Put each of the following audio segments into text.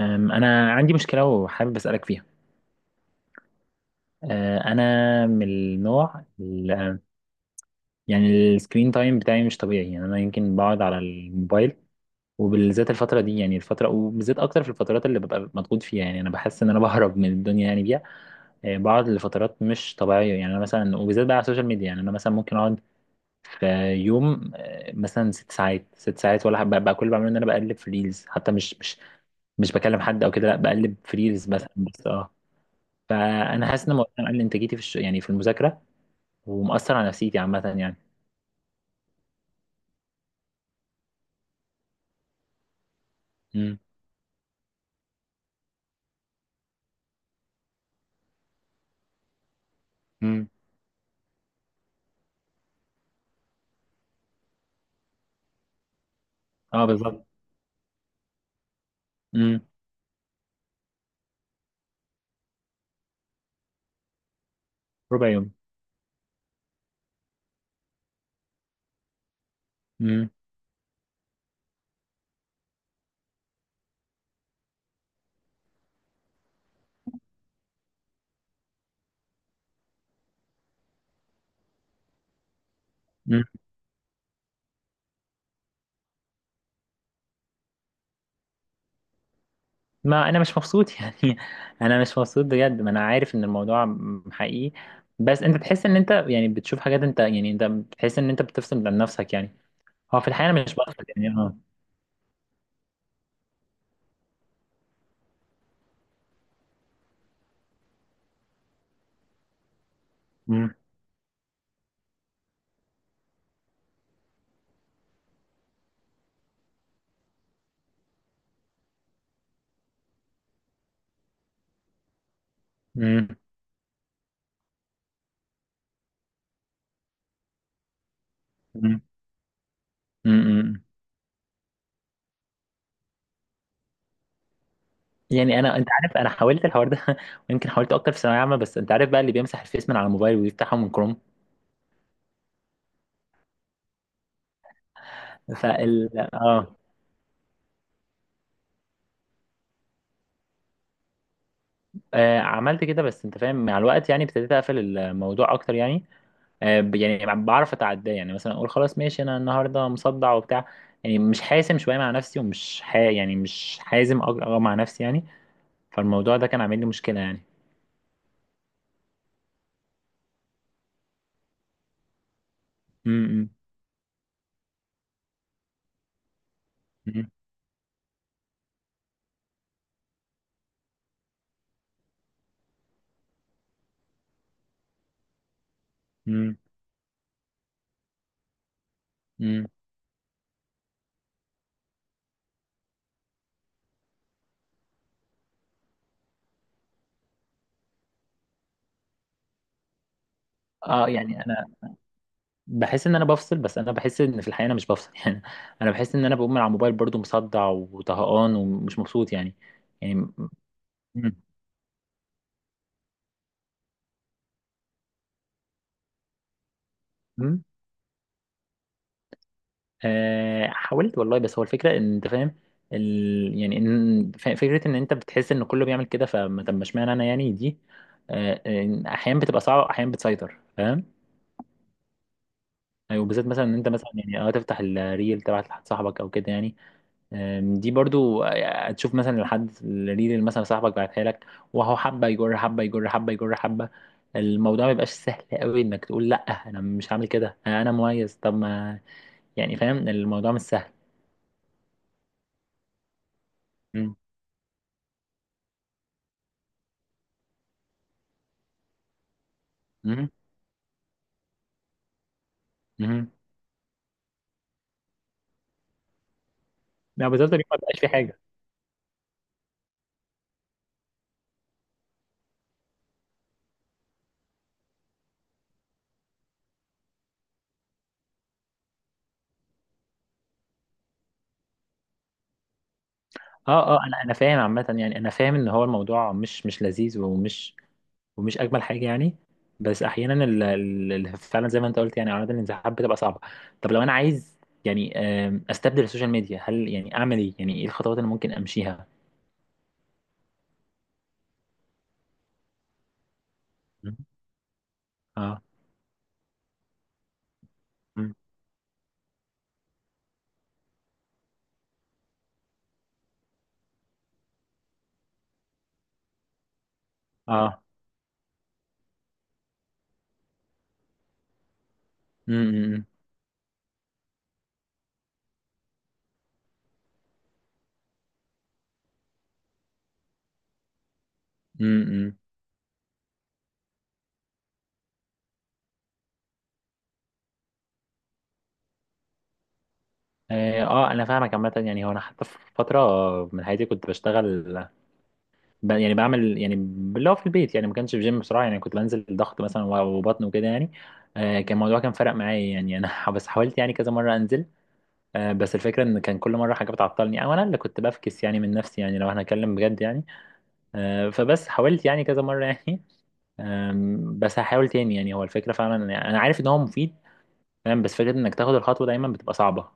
أنا عندي مشكلة وحابب أسألك فيها. أنا من يعني السكرين تايم بتاعي مش طبيعي، يعني أنا يمكن بقعد على الموبايل وبالذات الفترة دي، يعني الفترة وبالذات أكتر في الفترات اللي ببقى مضغوط فيها. يعني أنا بحس إن أنا بهرب من الدنيا يعني بيها. بقعد لفترات مش طبيعية، يعني أنا مثلا وبالذات بقى على السوشيال ميديا. يعني أنا مثلا ممكن أقعد في يوم، مثلا ست ساعات ست ساعات، ولا بقى كل اللي بعمله إن أنا بقلب في ريلز، حتى مش بكلم حد أو كده، لا بقلب في ريلز مثلا بس. فانا حاسس ان الموضوع ده مقلل انتاجيتي في يعني في المذاكره، ومأثر على نفسيتي عامه يعني. امم. امم. اه بالظبط. امم. ربع يوم. امم. امم. ما انا مش مبسوط يعني. انا مش مبسوط بجد، ما انا عارف ان الموضوع حقيقي. بس انت تحس ان انت يعني بتشوف حاجات، انت يعني انت بتحس ان انت بتفصل عن نفسك يعني. هو في الحقيقه انا مش بفصل يعني، اه. امم. امم. امم. امم. يعني انا، انت عارف انا حاولت الحوار ده ويمكن حاولت اكتر في ثانويه عامه، بس انت عارف بقى اللي بيمسح الفيس من على الموبايل ويفتحه من كروم. فال اه. عملت كده، بس انت فاهم مع الوقت يعني ابتديت اقفل الموضوع اكتر يعني. يعني بعرف اتعداه، يعني مثلا اقول خلاص ماشي، انا النهارده مصدع وبتاع، يعني مش حاسم شويه مع نفسي ومش يعني مش حازم أج- أه مع نفسي يعني. فالموضوع ده كان عامل لي مشكله يعني. امم. امم. امم. اه يعني انا بحس ان انا بفصل، بس انا بحس ان في الحقيقه انا مش بفصل يعني. انا بحس ان انا بقوم من على الموبايل برضو مصدع وطهقان ومش مبسوط يعني. يعني. مم. حاولت والله، بس هو الفكرة ان انت فاهم يعني ان فكرة ان انت بتحس ان كله بيعمل كده، فما طب ما اشمعنى انا يعني دي. احيانا بتبقى صعبة، احيانا بتسيطر فاهم. أيوة، وبالذات مثلا ان انت مثلا يعني اه تفتح الريل تبعت لحد صاحبك او كده يعني. دي برضو تشوف مثلا لحد الريل اللي مثلا صاحبك بعتها لك، وهو حبة يجر حبة يجر حبة يجر حبة. الموضوع ما يبقاش سهل قوي انك تقول لا انا مش هعمل كده، انا مميز، طب ما يعني فاهم الموضوع مش سهل. مم. مم. لو بتفضل يوم ما بيبقاش في حاجه. اه اه انا انا فاهم عامه، يعني انا فاهم ان هو الموضوع مش مش لذيذ ومش ومش اجمل حاجه يعني. بس احيانا فعلا زي ما انت قلت، يعني اعراض الانسحاب بتبقى صعبه. طب لو انا عايز يعني، استبدل السوشيال ميديا، هل يعني اعمل ايه؟ يعني ايه الخطوات اللي ممكن امشيها؟ مم. اه. مم. اه. امم. امم. اه انا فاهمك عامه. يعني هو انا حتى في فتره من حياتي كنت بشتغل، يعني بعمل يعني اللي هو في البيت، يعني ما كانش في جيم بصراحه، يعني كنت بنزل ضغط مثلا وبطن وكده يعني. كان الموضوع كان فرق معايا يعني. انا بس حاولت يعني كذا مره انزل. بس الفكره ان كان كل مره حاجه بتعطلني، او انا اللي كنت بفكس يعني من نفسي، يعني لو هنتكلم بجد يعني. فبس حاولت يعني كذا مره يعني. بس هحاول تاني يعني. هو الفكره فعلا يعني انا عارف ان هو مفيد فاهم، بس فكره انك تاخد الخطوه دايما بتبقى صعبه.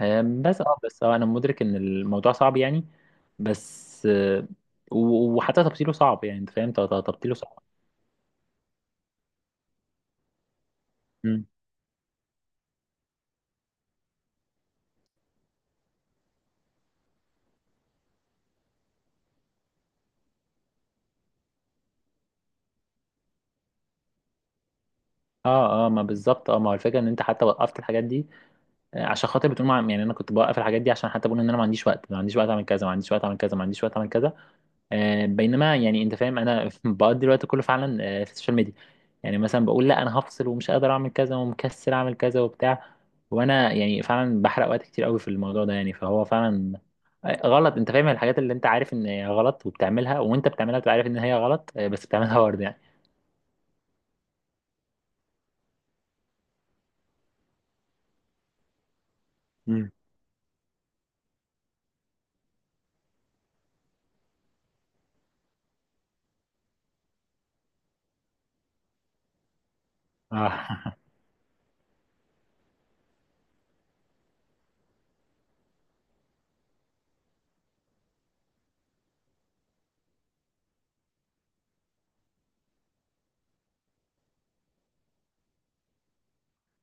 بس اه بس اه انا مدرك ان الموضوع صعب يعني. بس وحتى تبطيله صعب، يعني انت فاهم تبطيله صعب. مم. اه اه ما بالظبط اه. ما هو الفكره ان انت حتى وقفت الحاجات دي عشان خاطر بتقول يعني انا كنت بوقف الحاجات دي عشان حتى بقول ان انا ما عنديش وقت، ما عنديش وقت اعمل كذا، ما عنديش وقت اعمل كذا، ما عنديش وقت اعمل كذا. بينما يعني انت فاهم انا بقضي الوقت كله فعلا في السوشيال ميديا. يعني مثلا بقول لا، انا هفصل ومش قادر اعمل كذا ومكسل اعمل كذا وبتاع، وانا يعني فعلا بحرق وقت كتير قوي في الموضوع ده يعني. فهو فعلا غلط، انت فاهم الحاجات اللي انت عارف ان هي غلط وبتعملها، وانت بتعملها بتبقى عارف ان هي غلط، بس بتعملها برضه يعني. مم. اه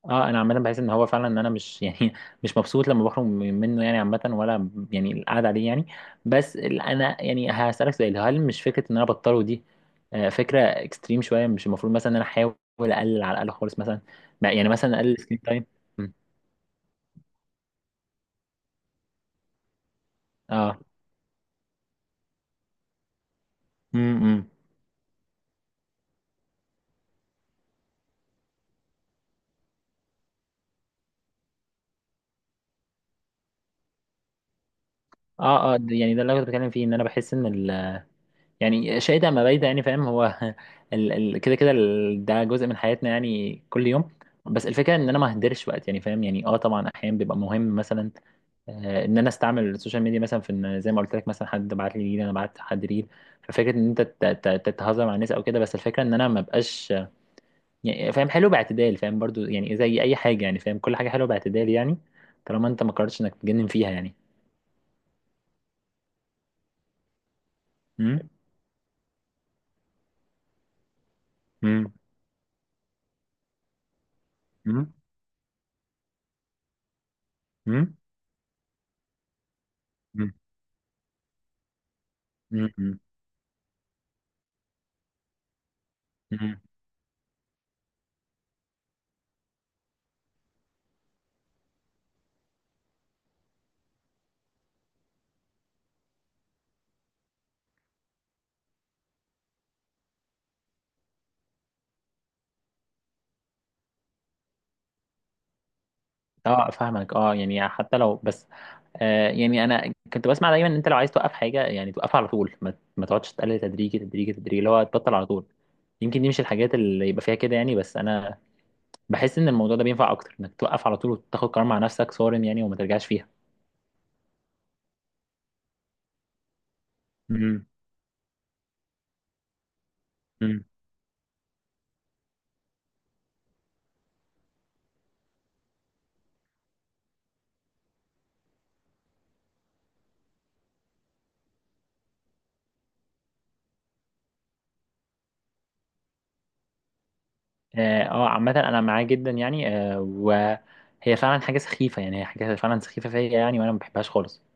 اه انا عامه بحس ان هو فعلا ان انا مش يعني مش مبسوط لما بخرج منه يعني عامه، ولا يعني القعده عليه يعني. بس انا يعني هسالك سؤال، هل مش فكره ان انا بطله دي فكره اكستريم شويه؟ مش المفروض مثلا ان انا احاول اقلل على الاقل خالص مثلا يعني مثلا اقلل سكرين تايم؟ اه. امم. اه اه يعني ده اللي انا كنت بتكلم فيه، ان انا بحس ان ال، يعني شئت ام ابيت يعني فاهم هو ال كده كده ده جزء من حياتنا يعني كل يوم. بس الفكره ان انا ما اهدرش وقت يعني فاهم. يعني اه طبعا احيانا بيبقى مهم مثلا ان انا استعمل السوشيال ميديا مثلا في ان، زي ما قلت لك مثلا حد بعت لي ريل، انا بعت حد ريل. ففكره ان انت تتهزر مع الناس او كده، بس الفكره ان انا ما بقاش يعني فاهم، حلو باعتدال فاهم برضو، يعني زي اي حاجه يعني فاهم، كل حاجه حلوه باعتدال يعني، طالما انت ما قررتش انك تجنن فيها يعني. امم. امم. امم. امم. اه فاهمك. اه يعني حتى لو بس، آه يعني انا كنت بسمع دايما ان انت لو عايز توقف حاجه، يعني توقفها على طول، ما تقعدش تقلل تدريجي تدريجي تدريجي، اللي هو تبطل على طول. يمكن دي مش الحاجات اللي يبقى فيها كده يعني، بس انا بحس ان الموضوع ده بينفع اكتر انك توقف على طول وتاخد قرار مع نفسك صارم يعني وما ترجعش فيها. امم. امم. اه عامة أنا معاه جدا يعني. آه وهي فعلا حاجة سخيفة، يعني هي حاجة فعلا سخيفة فيا يعني، وأنا ما بحبهاش خالص.